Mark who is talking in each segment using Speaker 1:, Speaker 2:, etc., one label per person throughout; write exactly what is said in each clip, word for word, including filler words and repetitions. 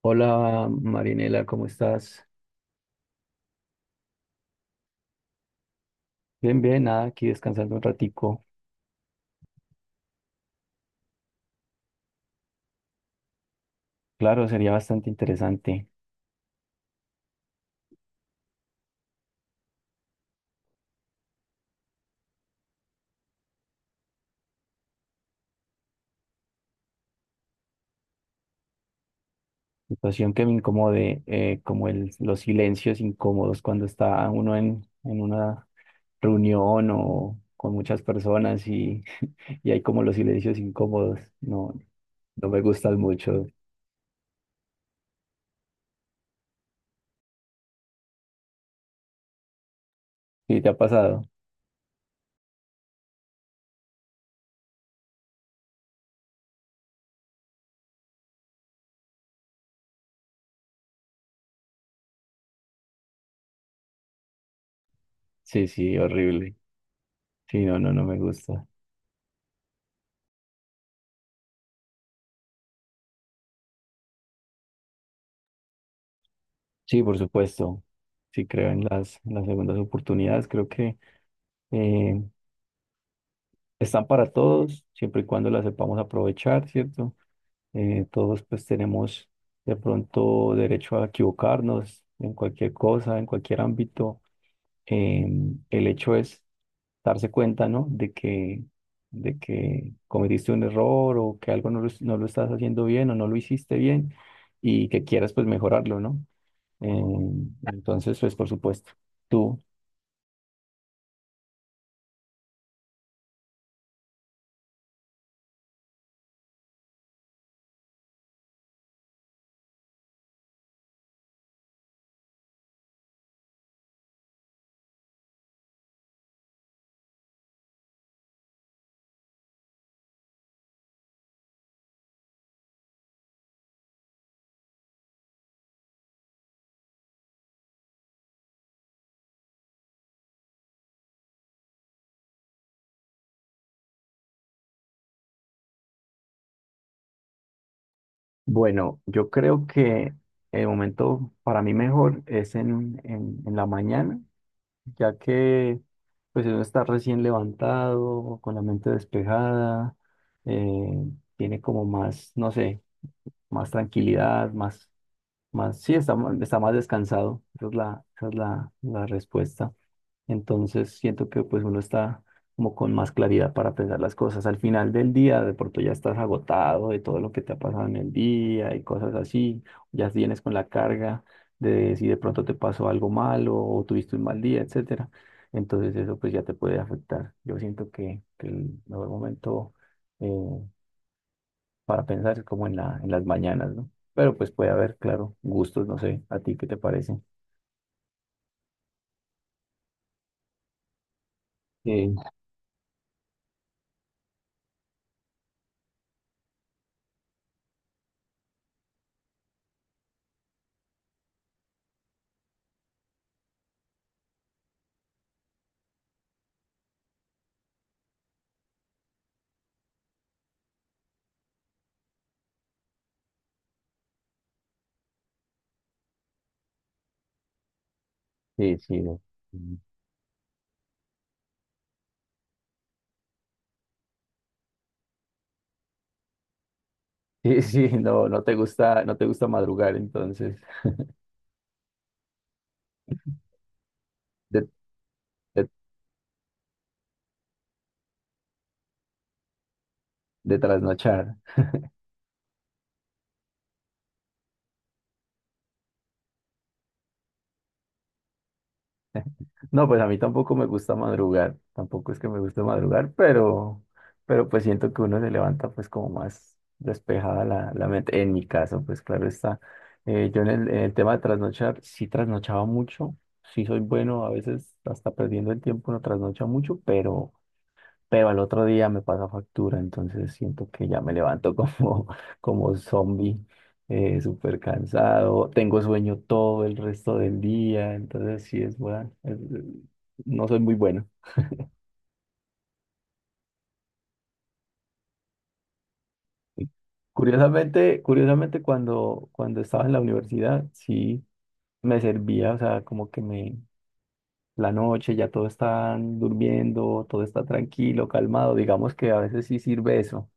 Speaker 1: Hola Marinela, ¿cómo estás? Bien, bien, nada, aquí descansando un ratico. Claro, sería bastante interesante. Situación que me incomode, eh, como el, los silencios incómodos cuando está uno en, en una reunión o con muchas personas y, y hay como los silencios incómodos. No, no me gustan mucho. ¿Sí te ha pasado? Sí, sí, horrible. Sí, no, no, no me gusta. Sí, por supuesto. Sí, creo en las, en las segundas oportunidades. Creo que eh, están para todos, siempre y cuando las sepamos aprovechar, ¿cierto? Eh, todos pues tenemos de pronto derecho a equivocarnos en cualquier cosa, en cualquier ámbito. Em, el hecho es darse cuenta, ¿no? De que, de que cometiste un error o que algo no lo, no lo estás haciendo bien o no lo hiciste bien y que quieras pues mejorarlo, ¿no? Em, entonces, pues por supuesto, tú, bueno, yo creo que el momento para mí mejor es en, en, en la mañana, ya que pues uno está recién levantado, con la mente despejada, eh, tiene como más, no sé, más tranquilidad, más, más, sí, está, ma- está más descansado. Esa es la, esa es la, la respuesta. Entonces siento que pues uno está como con más claridad para pensar las cosas. Al final del día, de pronto ya estás agotado de todo lo que te ha pasado en el día y cosas así. Ya vienes con la carga de si de pronto te pasó algo malo o tuviste un mal día, etcétera. Entonces eso pues ya te puede afectar. Yo siento que, que el mejor momento eh, para pensar es como en la, en las mañanas, ¿no? Pero pues puede haber, claro, gustos, no sé, ¿a ti qué te parece? Sí, sí, sí. Sí, sí, no, no te gusta, no te gusta madrugar, entonces, de, de, de trasnochar. No, pues a mí tampoco me gusta madrugar, tampoco es que me guste madrugar, pero, pero pues siento que uno se levanta pues como más despejada la, la mente. En mi caso, pues claro está. Eh, yo en el, en el tema de trasnochar, sí trasnochaba mucho, sí soy bueno, a veces hasta perdiendo el tiempo no trasnocha mucho, pero pero al otro día me paga factura, entonces siento que ya me levanto como, como zombie, eh, súper cansado, tengo sueño todo el resto del día, entonces sí es bueno, es- no soy muy bueno. Curiosamente, curiosamente cuando, cuando estaba en la universidad, sí me servía, o sea, como que me, la noche ya todos están durmiendo, todo está tranquilo, calmado, digamos que a veces sí sirve eso.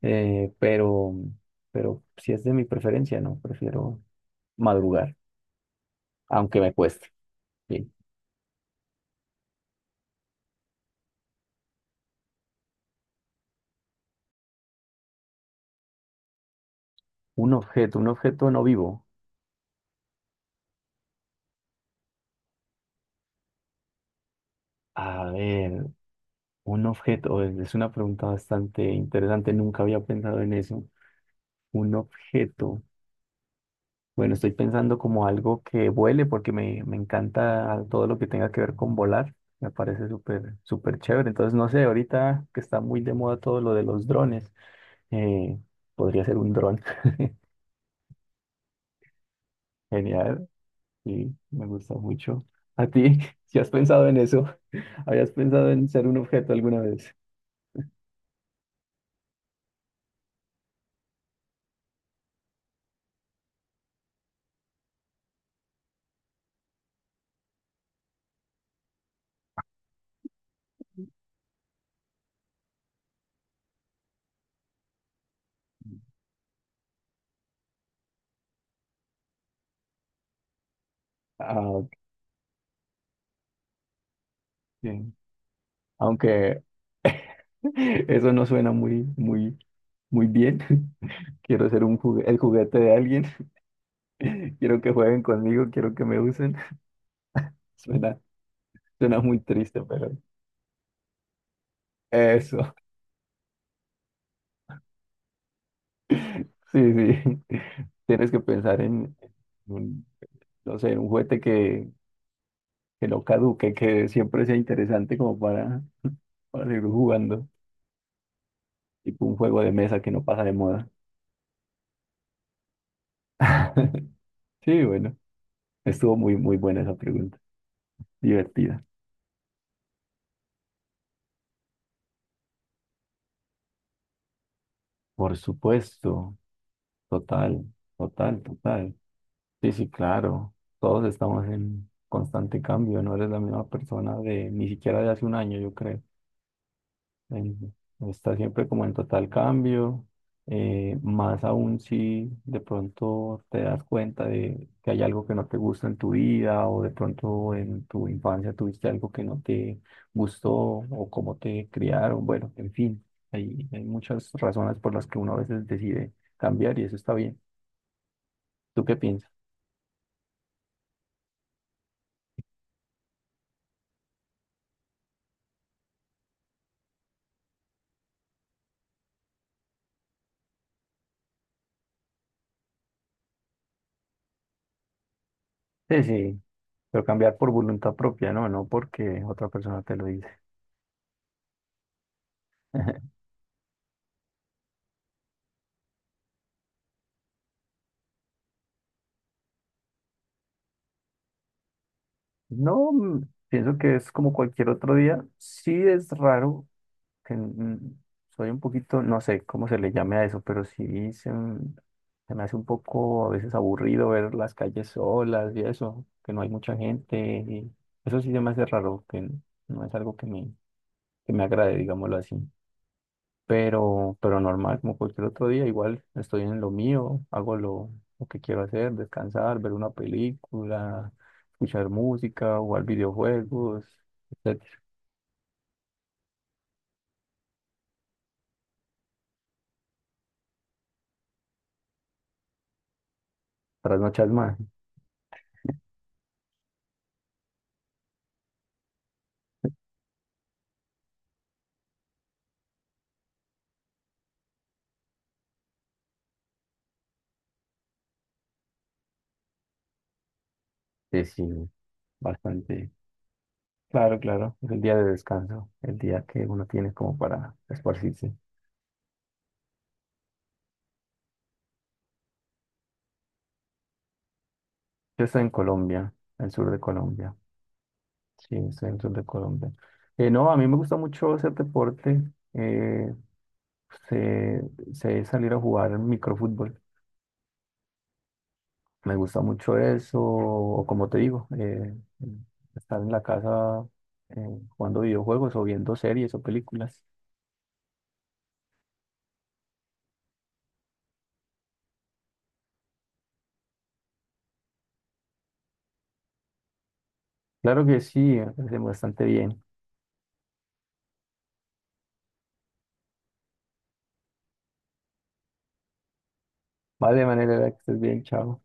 Speaker 1: eh, pero, pero si es de mi preferencia, no, prefiero madrugar, aunque me cueste. Bien. Un objeto, un objeto no vivo. A ver, un objeto, es una pregunta bastante interesante, nunca había pensado en eso. Un objeto. Bueno, estoy pensando como algo que vuele porque me, me encanta todo lo que tenga que ver con volar. Me parece súper, súper chévere. Entonces, no sé, ahorita que está muy de moda todo lo de los drones, eh, podría ser un dron. Genial, sí, me gusta mucho. ¿A ti? ¿Si has pensado en eso? ¿Habías pensado en ser un objeto alguna vez? Ah, ok. Aunque eso no suena muy, muy, muy bien. Quiero ser un jugue- el juguete de alguien. Quiero que jueguen conmigo, quiero que me usen. Suena, suena muy triste, pero eso. Sí, sí. Tienes que pensar en un, no sé, en un juguete que, que no caduque, que siempre sea interesante como para, para seguir jugando. Tipo un juego de mesa que no pasa de moda. Sí, bueno, estuvo muy, muy buena esa pregunta, divertida. Por supuesto, total, total, total. Sí, sí, claro, todos estamos en constante cambio, no eres la misma persona de ni siquiera de hace un año, yo creo. eh, está siempre como en total cambio, eh, más aún si de pronto te das cuenta de que hay algo que no te gusta en tu vida o de pronto en tu infancia tuviste algo que no te gustó o cómo te criaron, bueno, en fin, hay, hay muchas razones por las que uno a veces decide cambiar y eso está bien. ¿Tú qué piensas? Sí, sí, pero cambiar por voluntad propia, no, no porque otra persona te lo dice. No, mm, pienso que es como cualquier otro día. Sí es raro que mm, soy un poquito, no sé cómo se le llame a eso, pero sí se, m- se me hace un poco a veces aburrido ver las calles solas y eso, que no hay mucha gente. Y eso sí se me hace raro, que n- no es algo que me, que me agrade, digámoslo así, pero, pero normal, como cualquier otro día, igual estoy en lo mío, hago lo, lo que quiero hacer, descansar, ver una película, escuchar música, jugar videojuegos, etcétera. Trasnochas más, sí, sí, bastante. Claro, claro, es el día de descanso, el día que uno tiene como para esparcirse. Yo estoy en Colombia, en el sur de Colombia, sí, estoy en el sur de Colombia. Eh, no, a mí me gusta mucho hacer deporte, eh, sé, sé salir a jugar microfútbol. Me gusta mucho eso, o como te digo, eh, estar en la casa eh, jugando videojuegos o viendo series o películas. Claro que sí, me parece bastante bien. Vale, manera que estés bien, chao.